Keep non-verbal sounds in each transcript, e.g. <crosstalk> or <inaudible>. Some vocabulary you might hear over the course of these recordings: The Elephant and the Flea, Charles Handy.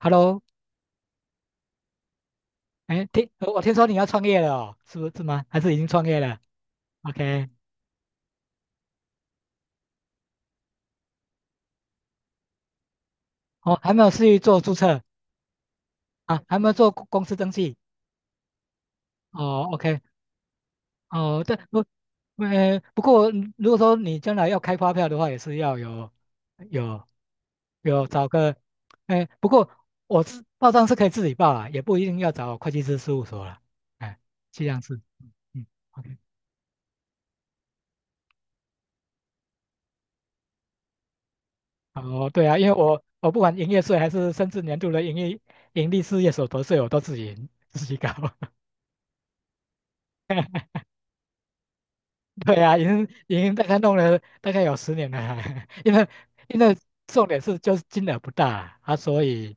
Hello，哎，我听说你要创业了哦，是不是吗？还是已经创业了？OK，哦，还没有去做注册啊，还没有做公司登记。哦，OK，哦，对，不，不过如果说你将来要开发票的话，也是要有有找个，哎，不过我是报账是可以自己报啦，也不一定要找会计师事务所啦。哎，这样是，嗯 o k， 哦，对啊，因为我不管营业税还是甚至年度的营业盈利事业所得税，我都自己搞。<laughs> 对啊，已经大概弄了大概有十年了，<laughs> 因为因为重点是就是金额不大啊，啊所以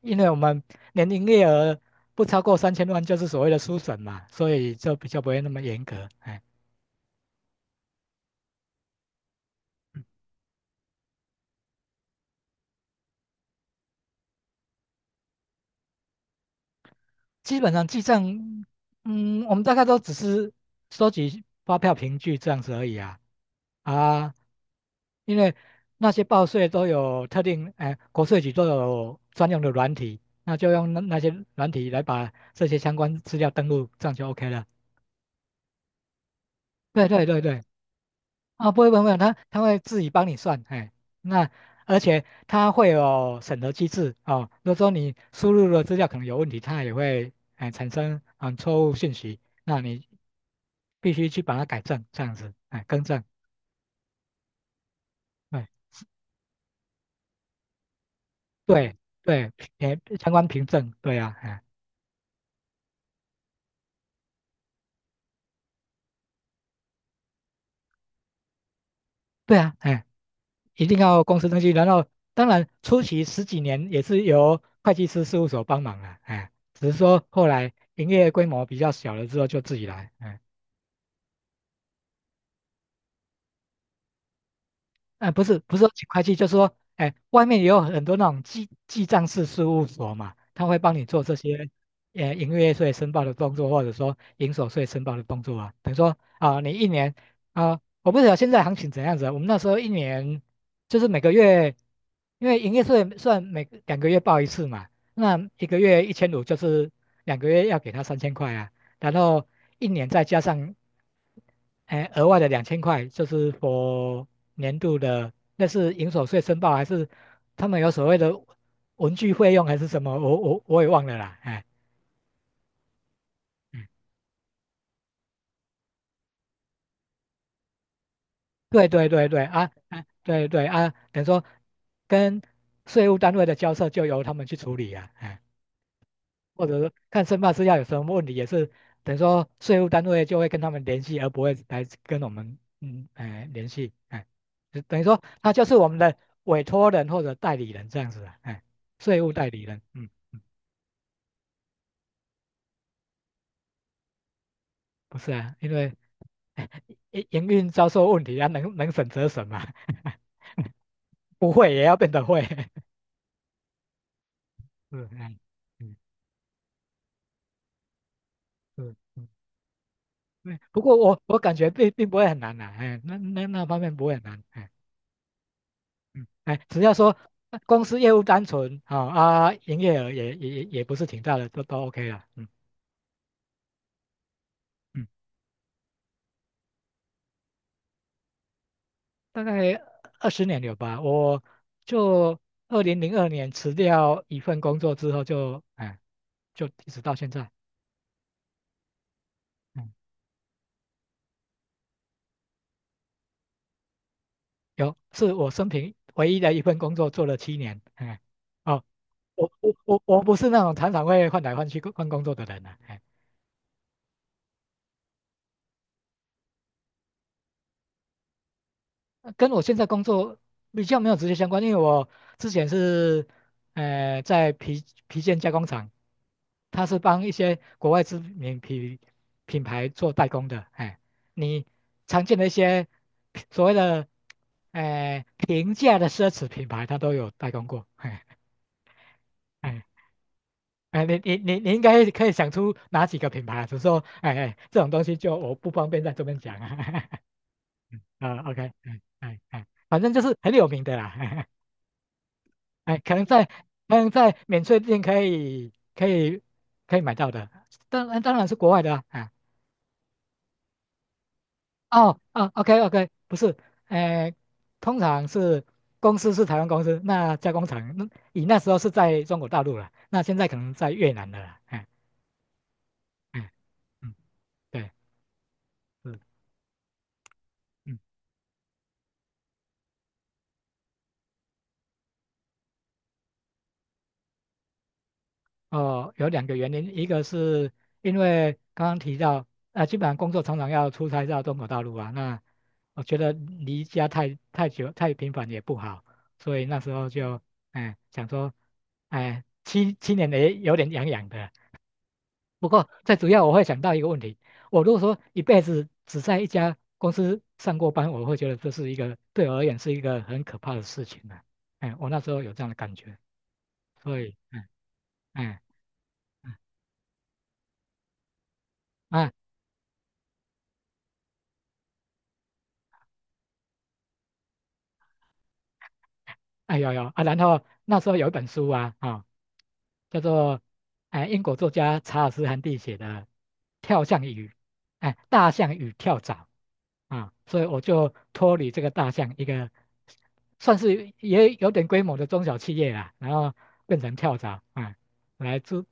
因为我们年营业额不超过3000万就是所谓的书审嘛，所以就比较不会那么严格。哎，基本上记账，嗯，我们大概都只是收集发票凭据这样子而已啊。啊，因为那些报税都有特定，哎、国税局都有专用的软体，那就用那些软体来把这些相关资料登录，这样就 OK 了。对对对对，啊，不会不会，不会他会自己帮你算，哎，那而且他会有审核机制哦。如果说你输入的资料可能有问题，他也会哎产生错误信息，那你必须去把它改正，这样子，哎，更正，哎，对对，相关凭证，对啊，哎，对啊，哎。一定要公司登记，然后当然初期十几年也是由会计师事务所帮忙了，哎，只是说后来营业规模比较小了之后就自己来，哎哎不是说请会计，就是说，哎，外面也有很多那种记账式事务所嘛，他会帮你做这些，营业税申报的动作，或者说营所税申报的动作啊。等于说啊、你一年啊、我不知道现在行情怎样子啊我们那时候一年就是每个月，因为营业税算每两个月报一次嘛，那1个月1500就是两个月要给他3000块啊，然后一年再加上哎，额外的2000块就是 年度的，那是营所税申报还是他们有所谓的文具费用还是什么？我也忘了啦。哎，嗯，对对对对啊，哎，对对啊，等于说跟税务单位的交涉就由他们去处理啊。哎或者是看申办事项有什么问题，也是等于说税务单位就会跟他们联系，而不会来跟我们哎联系，哎，就等于说他就是我们的委托人或者代理人这样子啊，哎，税务代理人，嗯，嗯不是啊，因为 <laughs> 哎营运遭受问题啊，能省则省嘛，<laughs> 不会也要变得会，<laughs> 是，哎嗯是嗯，对，不过我感觉并不会很难呐、哎，那方面不会很难，哎。嗯，哎，只要说公司业务单纯啊啊，营业额也不是挺大的，都 OK 了。嗯嗯，大概20年有吧。我就2002年辞掉一份工作之后就，哎就一直到现在。嗯，有是我生平唯一的一份工作做了七年。哎，哦，我不是那种常常会换来换去换工作的人呢啊。哎跟我现在工作比较没有直接相关，因为我之前是，在皮件加工厂，它是帮一些国外知名品牌做代工的。哎，你常见的一些所谓的，平价的奢侈品牌，它都有代工过。哎哎哎，你应该可以想出哪几个品牌啊？只是说，哎哎，这种东西就我不方便在这边讲啊。<laughs> 啊，OK，哎哎哎，反正就是很有名的啦。<laughs> 哎，可能在免税店可以可以买到的，当然是国外的啊。哎哦哦，OK OK，不是，哎，通常是公司是台湾公司，那加工厂那以那时候是在中国大陆了，那现在可能在越南的了啦哎哎嗯，对，是嗯。哦，有两个原因，一个是因为刚刚提到，啊，基本上工作常常要出差到中国大陆啊，那我觉得离家太久太频繁也不好，所以那时候就，哎，想说，哎，七年也有点痒痒的。不过最主要我会想到一个问题，我如果说一辈子只在一家公司上过班，我会觉得这是一个对我而言是一个很可怕的事情啊。哎，我那时候有这样的感觉，所以，嗯嗯。嗯啊。哎有有啊，然后那时候有一本书啊，啊、叫做哎英国作家查尔斯·韩蒂写的《跳象与哎大象与跳蚤》啊，所以我就脱离这个大象一个算是也有点规模的中小企业啦，然后变成跳蚤啊，来自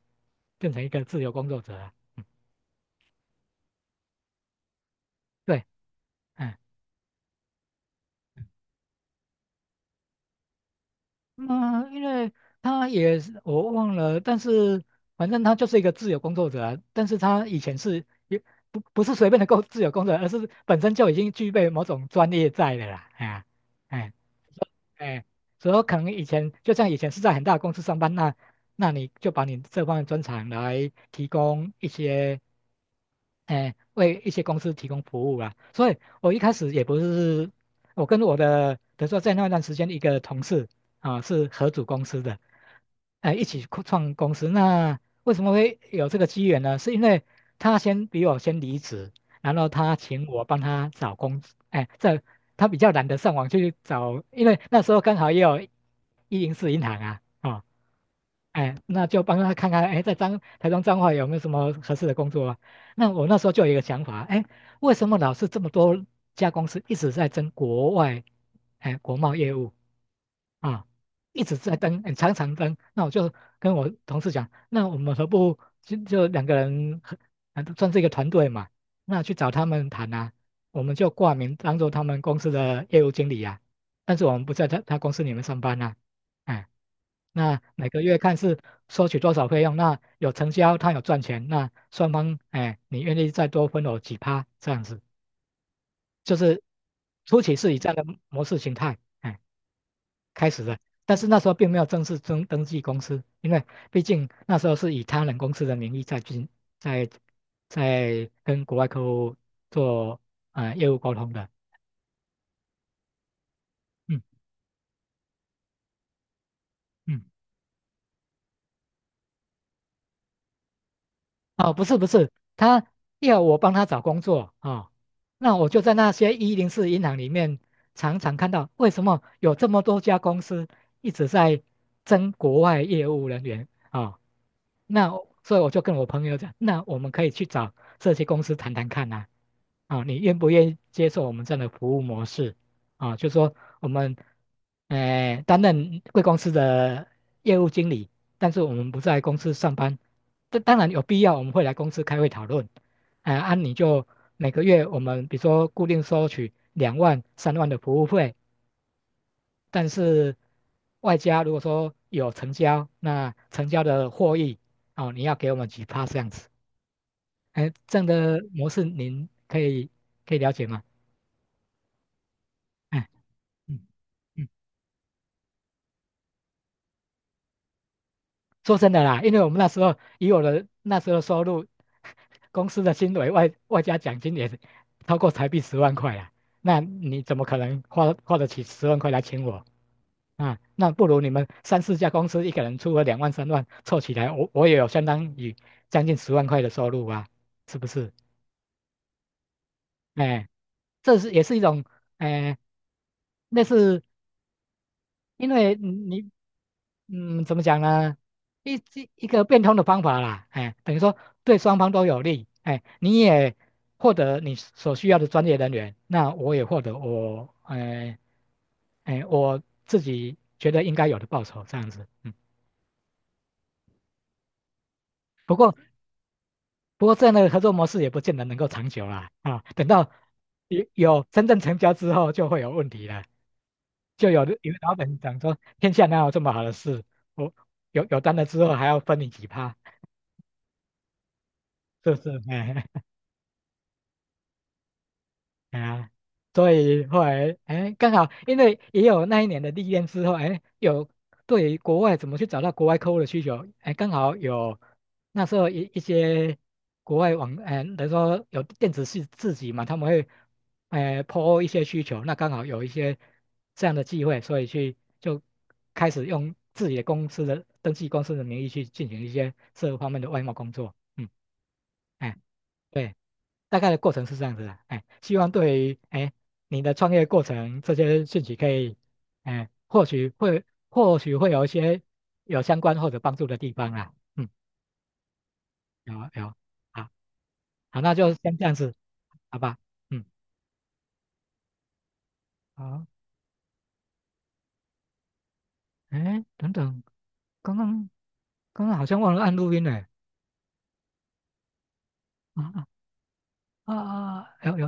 变成一个自由工作者啊，嗯对，嗯。嗯，因为他也是我忘了，但是反正他就是一个自由工作者啊但是他以前是也不是随便的<laughs> 自由工作者，而是本身就已经具备某种专业在的啦。哎呀哎哎，所以可能以前就像以前是在很大的公司上班，那那你就把你这方面专长来提供一些哎，为一些公司提供服务啊。所以我一开始也不是，我跟我的，比如说在那段时间一个同事啊，是合组公司的，哎，一起扩创公司。那为什么会有这个机缘呢？是因为他先比我先离职，然后他请我帮他找工，哎，他比较懒得上网去找，因为那时候刚好也有一零四银行啊，哦，哎，那就帮他看看，哎，在台中彰化有没有什么合适的工作啊？那我那时候就有一个想法，哎，为什么老是这么多家公司一直在争国外，哎，国贸业务？啊，一直在登，欸常常登。那我就跟我同事讲，那我们何不就两个人合，啊算是一个团队嘛？那去找他们谈啊，我们就挂名当做他们公司的业务经理啊，但是我们不在他公司里面上班啊。哎，那每个月看是收取多少费用，那有成交，他有赚钱，那双方哎，你愿意再多分我几趴这样子，就是初期是以这样的模式形态。哎开始的，但是那时候并没有正式登记公司，因为毕竟那时候是以他人公司的名义在进在在跟国外客户做业务沟通的。嗯嗯。哦，不是不是，他要我帮他找工作啊、哦，那我就在那些一零四银行里面常常看到，为什么有这么多家公司一直在争国外业务人员啊、哦？那所以我就跟我朋友讲，那我们可以去找这些公司谈谈看呐、啊，啊你愿不愿意接受我们这样的服务模式？啊，就说我们，担任贵公司的业务经理，但是我们不在公司上班，这当然有必要，我们会来公司开会讨论。哎、按你就每个月我们比如说固定收取两万、三万的服务费，但是外加如果说有成交，那成交的获益哦，你要给我们几趴这样子。哎，这样的模式您可以了解吗？哎，嗯嗯。说真的啦，因为我们那时候以我的那时候的收入，<laughs> 公司的薪水外加奖金也是超过台币十万块啊，那你怎么可能花得起十万块来请我啊？那不如你们三四家公司一个人出个两万三万凑起来，我也有相当于将近十万块的收入啊，是不是？哎，这是也是一种哎类似因为嗯你嗯怎么讲呢？一个变通的方法啦，哎，等于说对双方都有利，哎，你也获得你所需要的专业人员，那我也获得我哎哎我自己觉得应该有的报酬，这样子。嗯，不过这样的合作模式也不见得能够长久啦，啊，等到有真正成交之后就会有问题了，就有的老板讲说天下哪有这么好的事，我有单了之后还要分你几趴。<laughs> 是不是？哎哎哎呀，所以后来哎，刚好因为也有那一年的历练之后，哎，有对于国外怎么去找到国外客户的需求，哎，刚好有那时候一些国外网，哎，等于说有电子系自己嘛，他们会哎 po 一些需求，那刚好有一些这样的机会，所以去就开始用自己的公司的登记公司的名义去进行一些这方面的外贸工作，嗯，哎，对。大概的过程是这样子的，哎，希望对于哎你的创业过程这些兴息可以，哎，或许会有一些相关或者帮助的地方啦，嗯，有有，好，好，那就先这样子，好吧，嗯，好，哎，等等，刚刚刚刚好像忘了按录音呢，啊啊啊啊，有有有。